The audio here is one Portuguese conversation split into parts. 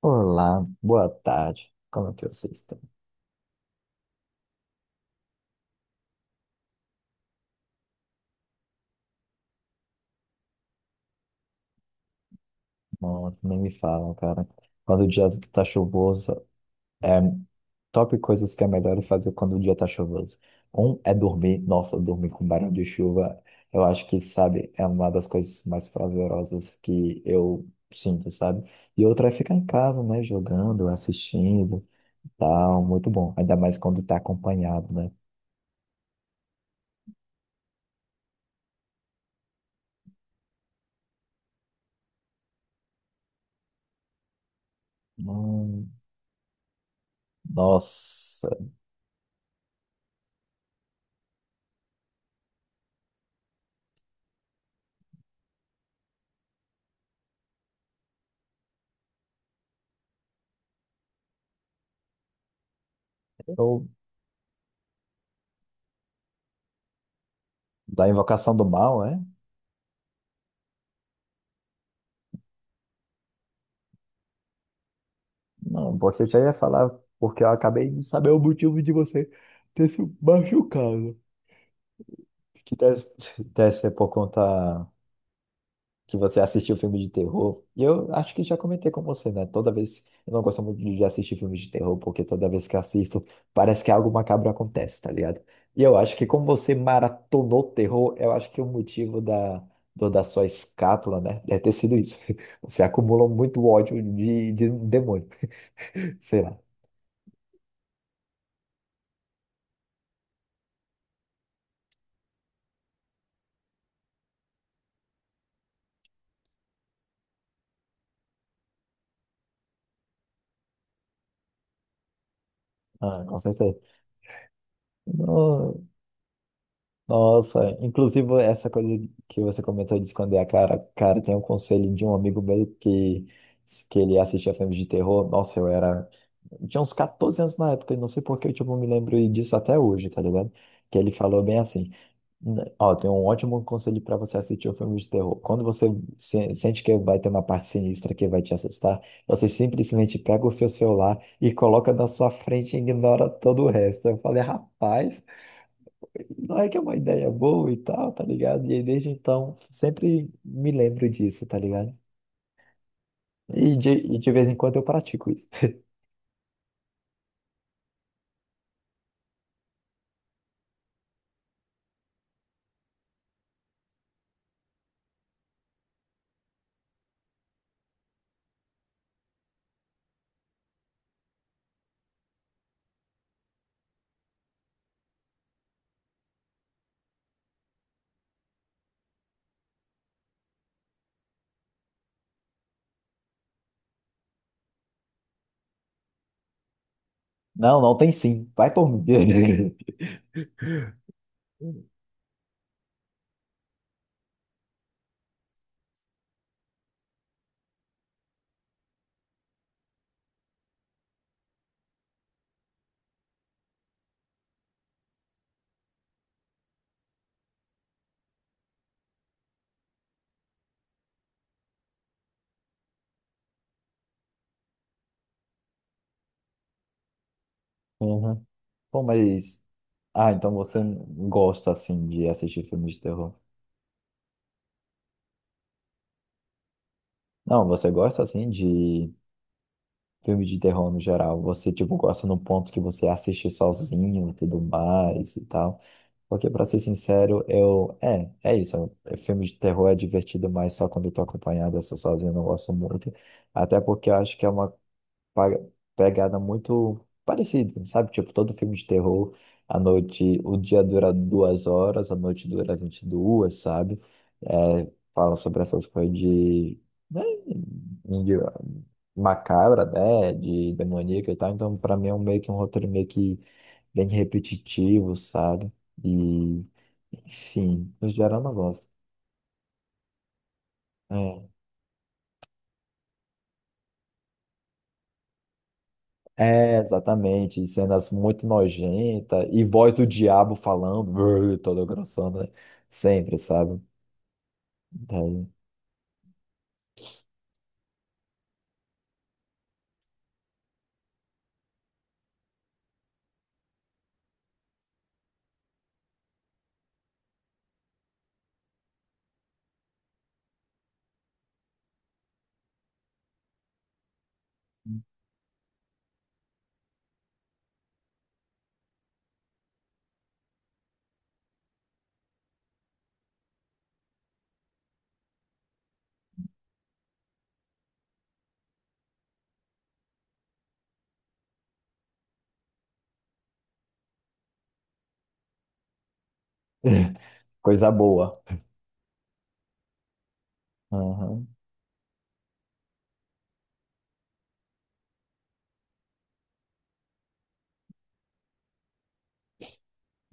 Olá, boa tarde. Como é que vocês estão? Nossa, nem me falam, cara. Quando o dia tá chuvoso, é top coisas que é melhor fazer quando o dia tá chuvoso. Um é dormir. Nossa, dormir com barulho de chuva, eu acho que, sabe, é uma das coisas mais prazerosas que eu sinto, sabe? E outra é ficar em casa, né, jogando, assistindo, tal, muito bom. Ainda mais quando tá acompanhado, né? Hum. Nossa. eu- Da Invocação do Mal, é? Não, porque eu já ia falar, porque eu acabei de saber o motivo de você ter se machucado. Que deve, deve ser por conta que você assistiu filme de terror. E eu acho que já comentei com você, né? Toda vez. Eu não gosto muito de assistir filme de terror, porque toda vez que assisto, parece que algo macabro acontece, tá ligado? E eu acho que como você maratonou terror, eu acho que o motivo da, da sua escápula, né? Deve ter sido isso. Você acumulou muito ódio de um demônio. Sei lá. Ah, com certeza. No- Nossa, inclusive essa coisa que você comentou de esconder a cara, cara, tem um conselho de um amigo meu que ele assistia filmes de terror. Nossa, eu era. Eu tinha uns 14 anos na época, e não sei por que eu, tipo, me lembro disso até hoje, tá ligado? Que ele falou bem assim: " Ó, tem um ótimo conselho pra você assistir um filme de terror. Quando você sente que vai ter uma parte sinistra que vai te assustar, você simplesmente pega o seu celular e coloca na sua frente e ignora todo o resto." Eu falei: "Rapaz, não é que é uma ideia boa e tal, tá ligado?" E aí, desde então, sempre me lembro disso, tá ligado? E de vez em quando eu pratico isso. Não, não tem sim. Vai por mim. Uhum. Pô, mas. Ah, então você gosta, assim, de assistir filmes de terror? Não, você gosta, assim, de filme de terror no geral. Você, tipo, gosta no ponto que você assiste sozinho e tudo mais e tal. Porque, pra ser sincero, eu. É, é isso. Filme de terror é divertido, mas só quando eu tô acompanhado, essa sozinho eu não gosto muito. Até porque eu acho que é uma pa- pegada muito parecida, sabe? Tipo, todo filme de terror, a noite. O dia dura duas horas, a noite dura vinte e duas, sabe? É, fala sobre essas coisas de, né, de macabra, né? De demoníaca e tal. Então, pra mim, é um meio que um roteiro meio que bem repetitivo, sabe? E enfim, no geral eu não gosto. É, é exatamente. Cenas muito nojentas e voz do diabo falando, brrr, toda grossona, né? Sempre, sabe? Daí, coisa boa. Aham,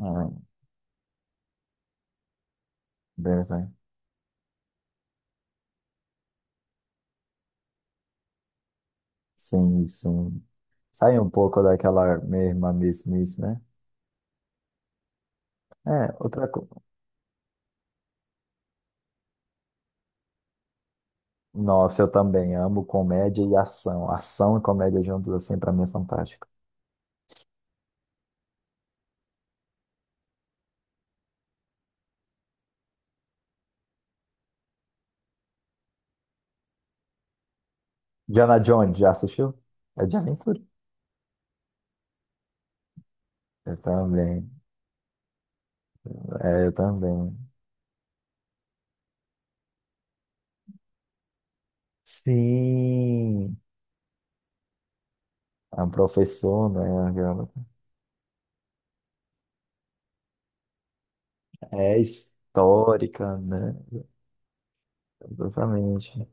aham, interessante. Sim, sim. Sai um pouco daquela mesma mesmice, né? É, outra coisa. Nossa, eu também amo comédia e ação. Ação e comédia juntos, assim, pra mim é fantástico. Diana Jones, já assistiu? É de aventura. Eu também. É, eu também. Sim, a professora, né? Aquela... É histórica, né? Exatamente.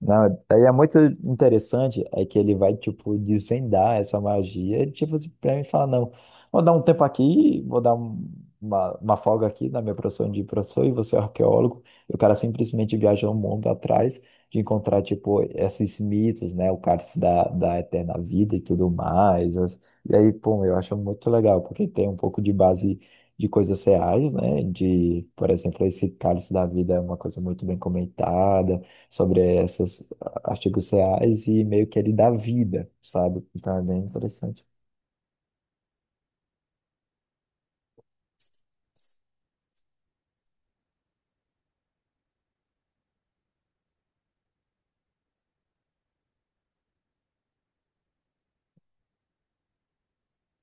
Não, daí é muito interessante é que ele vai, tipo, desvendar essa magia, tipo, assim, pra mim falar: "Não, vou dar um tempo aqui, vou dar uma folga aqui na minha profissão de professor", e você é arqueólogo, e o cara simplesmente viaja o mundo atrás de encontrar, tipo, esses mitos, né, o cálice da, da eterna vida e tudo mais, as... E aí, pô, eu acho muito legal, porque tem um pouco de base de coisas reais, né, de, por exemplo, esse cálice da vida é uma coisa muito bem comentada, sobre esses artigos reais e meio que ele dá vida, sabe? Então é bem interessante.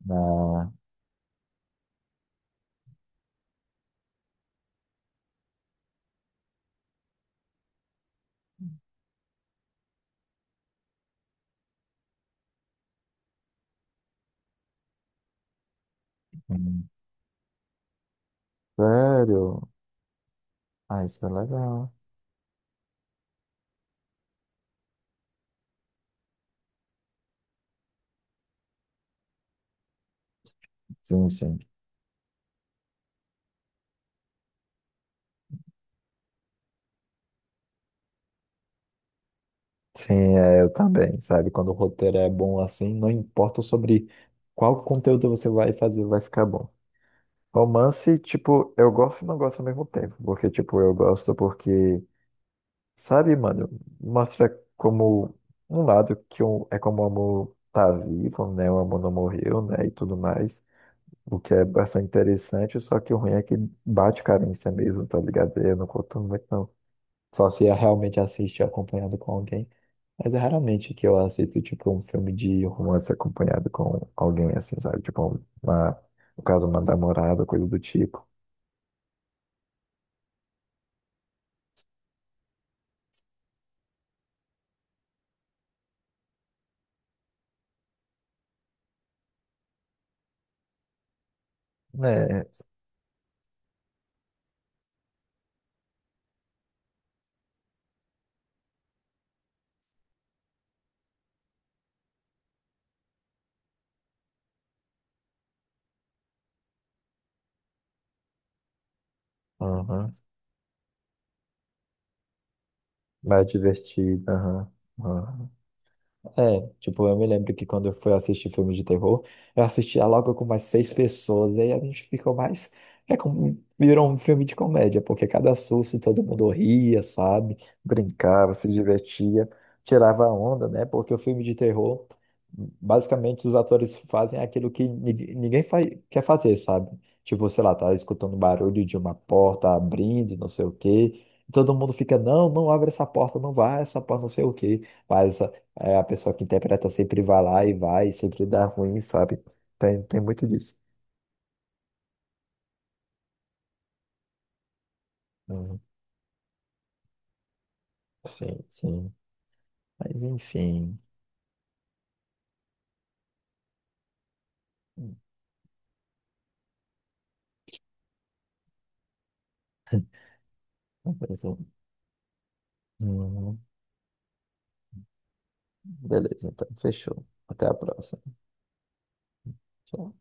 Ah, hum, sério? Ah, isso é legal. Sim, sim. Sim, é, eu também, sabe? Quando o roteiro é bom assim, não importa sobre qual conteúdo você vai fazer, vai ficar bom. Romance, tipo, eu gosto e não gosto ao mesmo tempo, porque, tipo, eu gosto porque, sabe, mano, mostra como um lado que um, é como o amor tá vivo, né? O amor não morreu, né? E tudo mais. O que é bastante interessante, só que o ruim é que bate carência mesmo, tá ligado? Eu não curto muito, não. Só se eu realmente assistir acompanhado com alguém. Mas é raramente que eu assisto, tipo, um filme de romance acompanhado com alguém, assim, sabe? Tipo, uma, no caso, uma namorada, coisa do tipo. Né? Aham. Mais divertido, aham, aham. É, tipo, eu me lembro que quando eu fui assistir filme de terror, eu assistia logo com mais 6 pessoas, e aí a gente ficou mais. É como, virou um filme de comédia, porque cada susto todo mundo ria, sabe? Brincava, se divertia, tirava a onda, né? Porque o filme de terror, basicamente, os atores fazem aquilo que ninguém fa quer fazer, sabe? Tipo, sei lá, tá escutando barulho de uma porta abrindo, não sei o quê. Todo mundo fica: "Não, não abre essa porta, não vai, essa porta, não sei o quê." Mas é, a pessoa que interpreta sempre vai lá e vai, e sempre dá ruim, sabe? Tem, tem muito disso. Uhum. Sim, sim. Mas enfim. Beleza, então fechou. Até a próxima. Tchau.